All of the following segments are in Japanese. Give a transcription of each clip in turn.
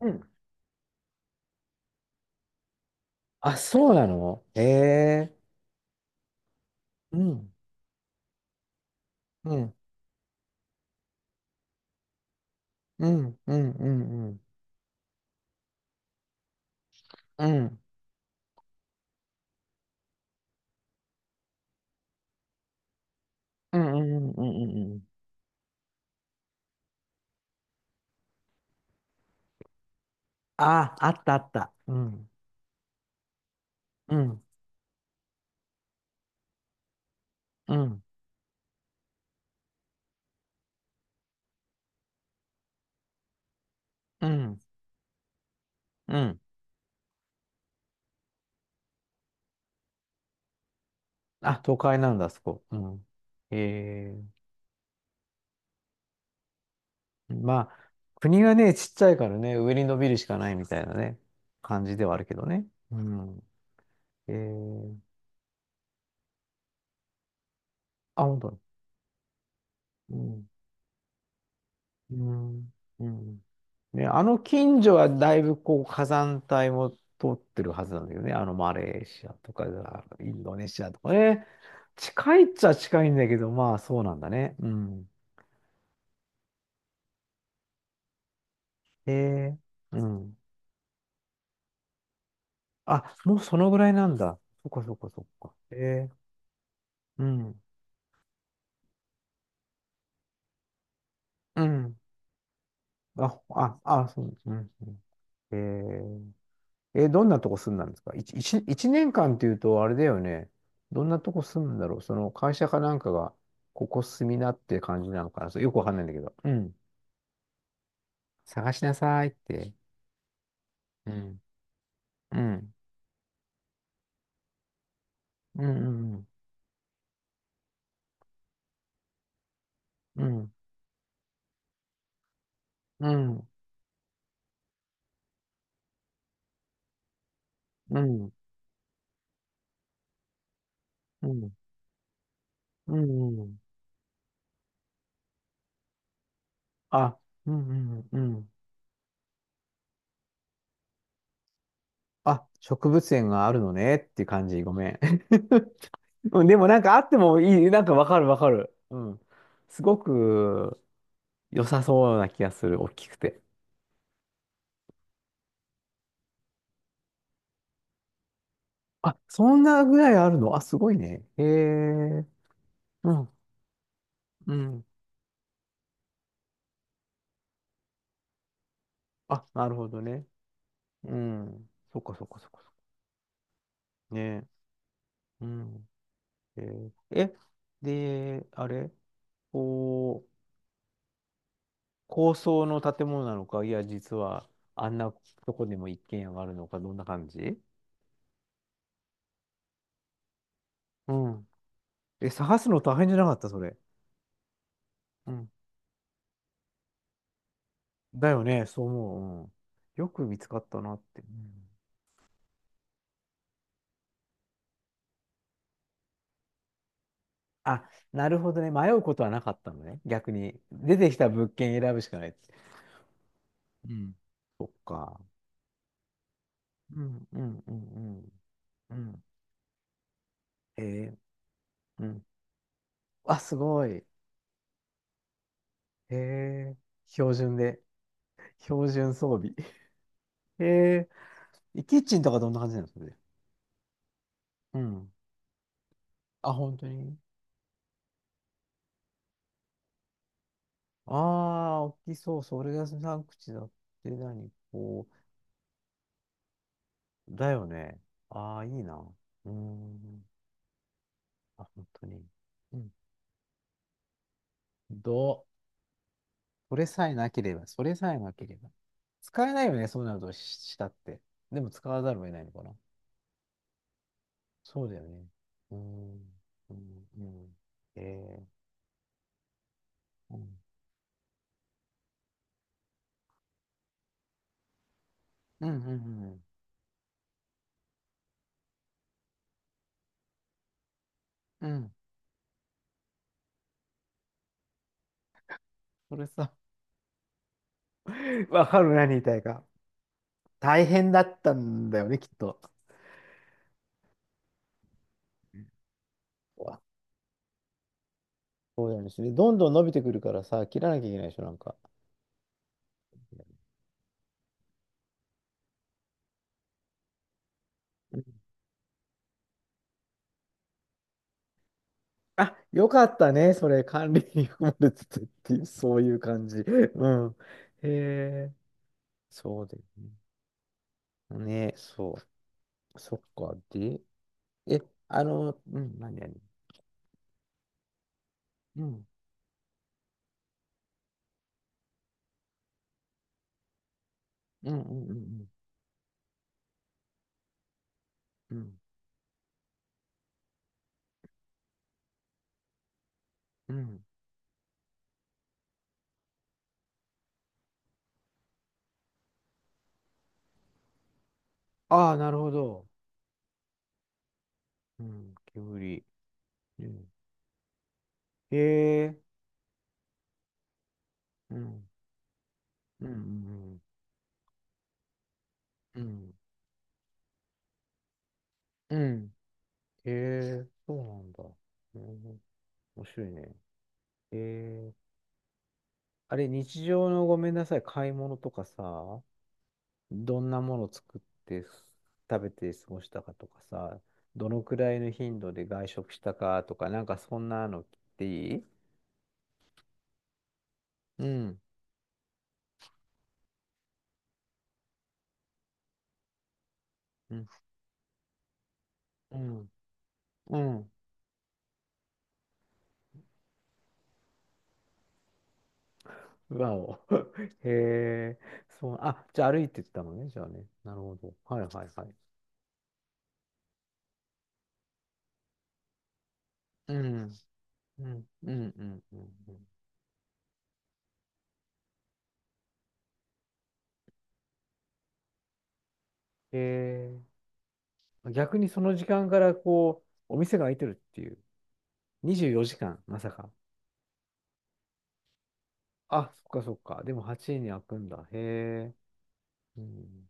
うん。あ、そうなのへえ。うん。うん。うん。うん。うん。うん。うん。うん。うん。うん。うん。あ、あったあった。うん。うん。うん。うん。うん。あ、都会なんだ、あそこ。うん。へえ。まあ、国がね、ちっちゃいからね、上に伸びるしかないみたいなね、感じではあるけどね。うん。へえ。あ、本当に。うん。うん。うん。ね、あの近所はだいぶこう火山帯も通ってるはずなんだけどね、あのマレーシアとか、インドネシアとかね、近いっちゃ近いんだけど、まあそうなんだね。うん。へえ、うん。あ、もうそのぐらいなんだ。そっかそっかそっか。へえ、うん、うん。あ、あ、あ、そう、うん、うん。へえ。え、どんなとこ住んだんですか一年間っていうと、あれだよね。どんなとこ住むんだろう、その会社かなんかが、ここ住みなって感じなのかな、そうよくわかんないんだけど。うん。探しなさいって。うん。うん。うん。うん。うん。うん。うん。うん。うん。あ、うん。うん。うん、あ、植物園があるのねっていう感じ。ごめん。うん、でもなんかあってもいい。なんかわかるわかる。うん。すごく良さそうな気がする。大きくて。あ、そんなぐらいあるの、あ、すごいね。へえ。うん。うん。あ、なるほどね。うん。そっかそっかそっかそっか。ね。うん。えーえ、で、あれ、こう、高層の建物なのか、いや、実は、あんなとこでも一軒家があるのか、どんな感じ。うん。え、探すの大変じゃなかった、それ。うん。だよね、そう思う。うん。よく見つかったなって。うん、あ、なるほどね。迷うことはなかったのね。逆に。出てきた物件選ぶしかない。うん。そっか。うんうんうんうん。うん。へえー、うん。あ、すごい。へえ。標準で。標準装備。へえ。キッチンとかどんな感じなのそれで。うん。あ、本当に。ああ、大きそう。それが3口だって、何こう。だよね。ああ、いいな。うーん。あ、本当に。うん。どう、それさえなければ、それさえなければ。使えないよね、そうなるとしたって。でも使わざるを得ないのかな。そうだよね。うーん。うん。うん。えー、うん。うん。うん。うん。うん、それさ、わかる、何言いたいか。大変だったんだよね、きっと。うん、わ、そうなんですね。どんどん伸びてくるからさ、切らなきゃいけないでしょ、なんか。うん、あ、よかったね、それ、管理に含まれててっていう、そういう感じ。うん。へえ、そうだよね。ね、そう。そっか。で、え、あの、うん、何、何、うん、うん、うん、うん、うん、うん。うん、ああ、なるほど。うん、煙。うん。へえ、うん、うん、うん、うん、うん。うん、へえ、そうなんだ。うん、面白いね。へえ、あれ、日常のごめんなさい、買い物とかさ、どんなもの作って食べて過ごしたかとかさ、どのくらいの頻度で外食したかとか、なんかそんなの聞いていい、うん、うん、うん、うん。わお。へえ、そう、あ、じゃあ歩いてったのね、じゃあね。なるほど。はいはいはい。うん、うん、うん、うん、うん。うん、へえ、逆にその時間からこう、お店が開いてるっていう。24時間、まさか。あ、そっかそっか。でも8時に開くんだ。へえ。うん、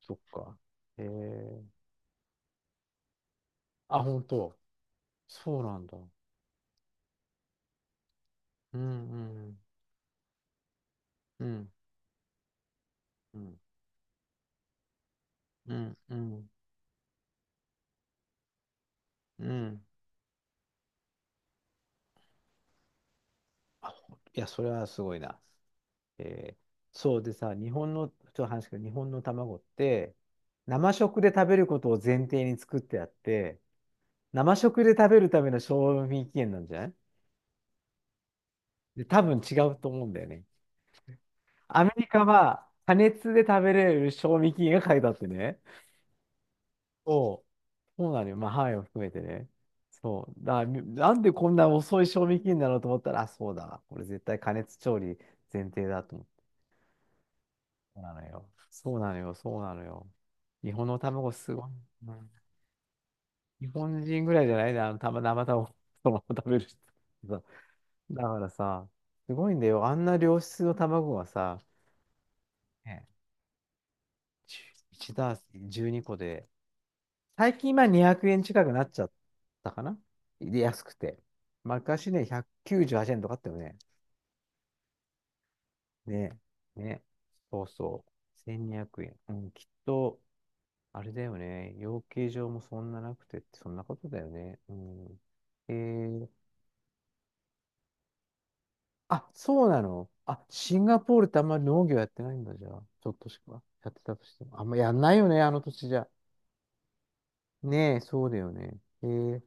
そっか。えー、あ、本当。そうなんだ。うんうんうんうんうんうんうん、あ、ほいや、それはすごいな。えー、そうでさ、日本の、ちょっと話すけど、日本の卵って、生食で食べることを前提に作ってあって、生食で食べるための賞味期限なんじゃない、で、多分違うと思うんだよね。アメリカは、加熱で食べれる賞味期限が書いてあってね。そう。そうなのよ。まあ、範囲を含めてね。そう。だから、みなんでこんな遅い賞味期限なのと思ったら、あ、そうだ。これ絶対加熱調理前提だと思って。そうなのよ。そうなのよ。そうなのよ。日本の卵すごい。うん、日本人ぐらいじゃないな、あの、たま、生卵、そのまま食べる人。そうだからさ、すごいんだよ。あんな良質の卵がさ、ね、1ダース12個で、最近今200円近くなっちゃったかな、で、安くて。昔ね、198円とかあったよね。ね、ね、そうそう。1200円。うん、きっと、あれだよね。養鶏場もそんななくてって、そんなことだよね。うん。えー、あ、そうなの、あ、シンガポールってあんまり農業やってないんだ、じゃあ。ちょっとしか。やってたとしても。あんまやんないよね、あの土地じゃ。ねえ、そうだよね。えー、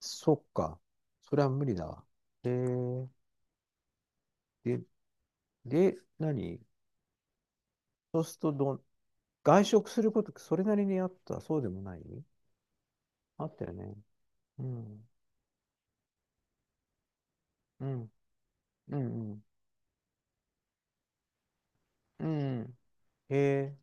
そっか。それは無理だわ。えー、で、で、何、そうするとどん、外食すること、それなりにあった、そうでもない、あったよね。うん、うん、うん、うん。うん、へえ。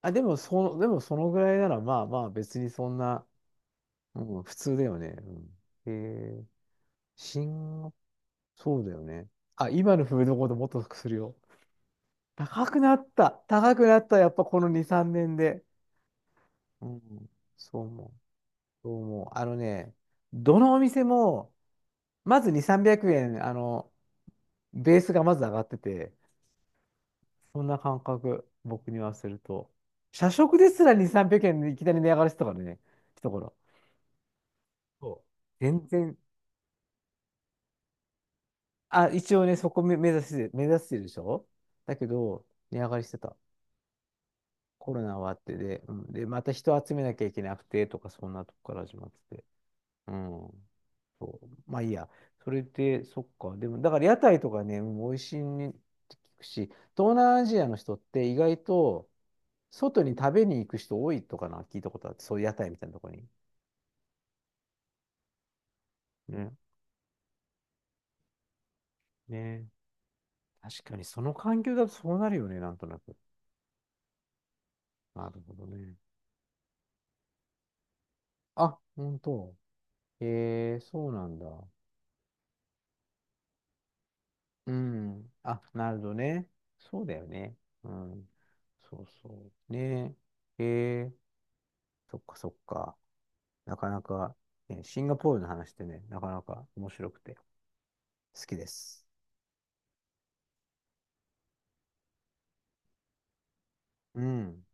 あ、でも、そ、でもそのぐらいなら、まあまあ、別にそんな、うん、普通だよね。うん、へえ。新が、そうだよね。あ、今のフードコートもっとするよ。高くなった。高くなった。やっぱこの2、3年で。うん、そう思う。そう思う。あのね、どのお店も、まず2、300円、あの、ベースがまず上がってて、そんな感覚、僕にはすると。社食ですら2、300円でいきなり値上がりしてたからね、一頃。そう、全然、あ、一応ね、そこ目指して、目指してるでしょ、だけど、値上がりしてた。コロナ終わって、で、うん、で、また人集めなきゃいけなくてとか、そんなとこから始まってて。うん。そう。まあいいや。それで、そっか。でも、だから屋台とかね、うん、美味しいねって聞くし、東南アジアの人って意外と外に食べに行く人多いとかな、聞いたことあって、そういう屋台みたいなとこに。ね。ね。確かに、その環境だとそうなるよね、なんとなく。なるほどね。あ、本当。へえ、そうなんだ。うん。あ、なるほどね。そうだよね。うん。そうそう。ねえ。へえ、そっかそっか。なかなか、ね、シンガポールの話ってね、なかなか面白くて好きです。うん。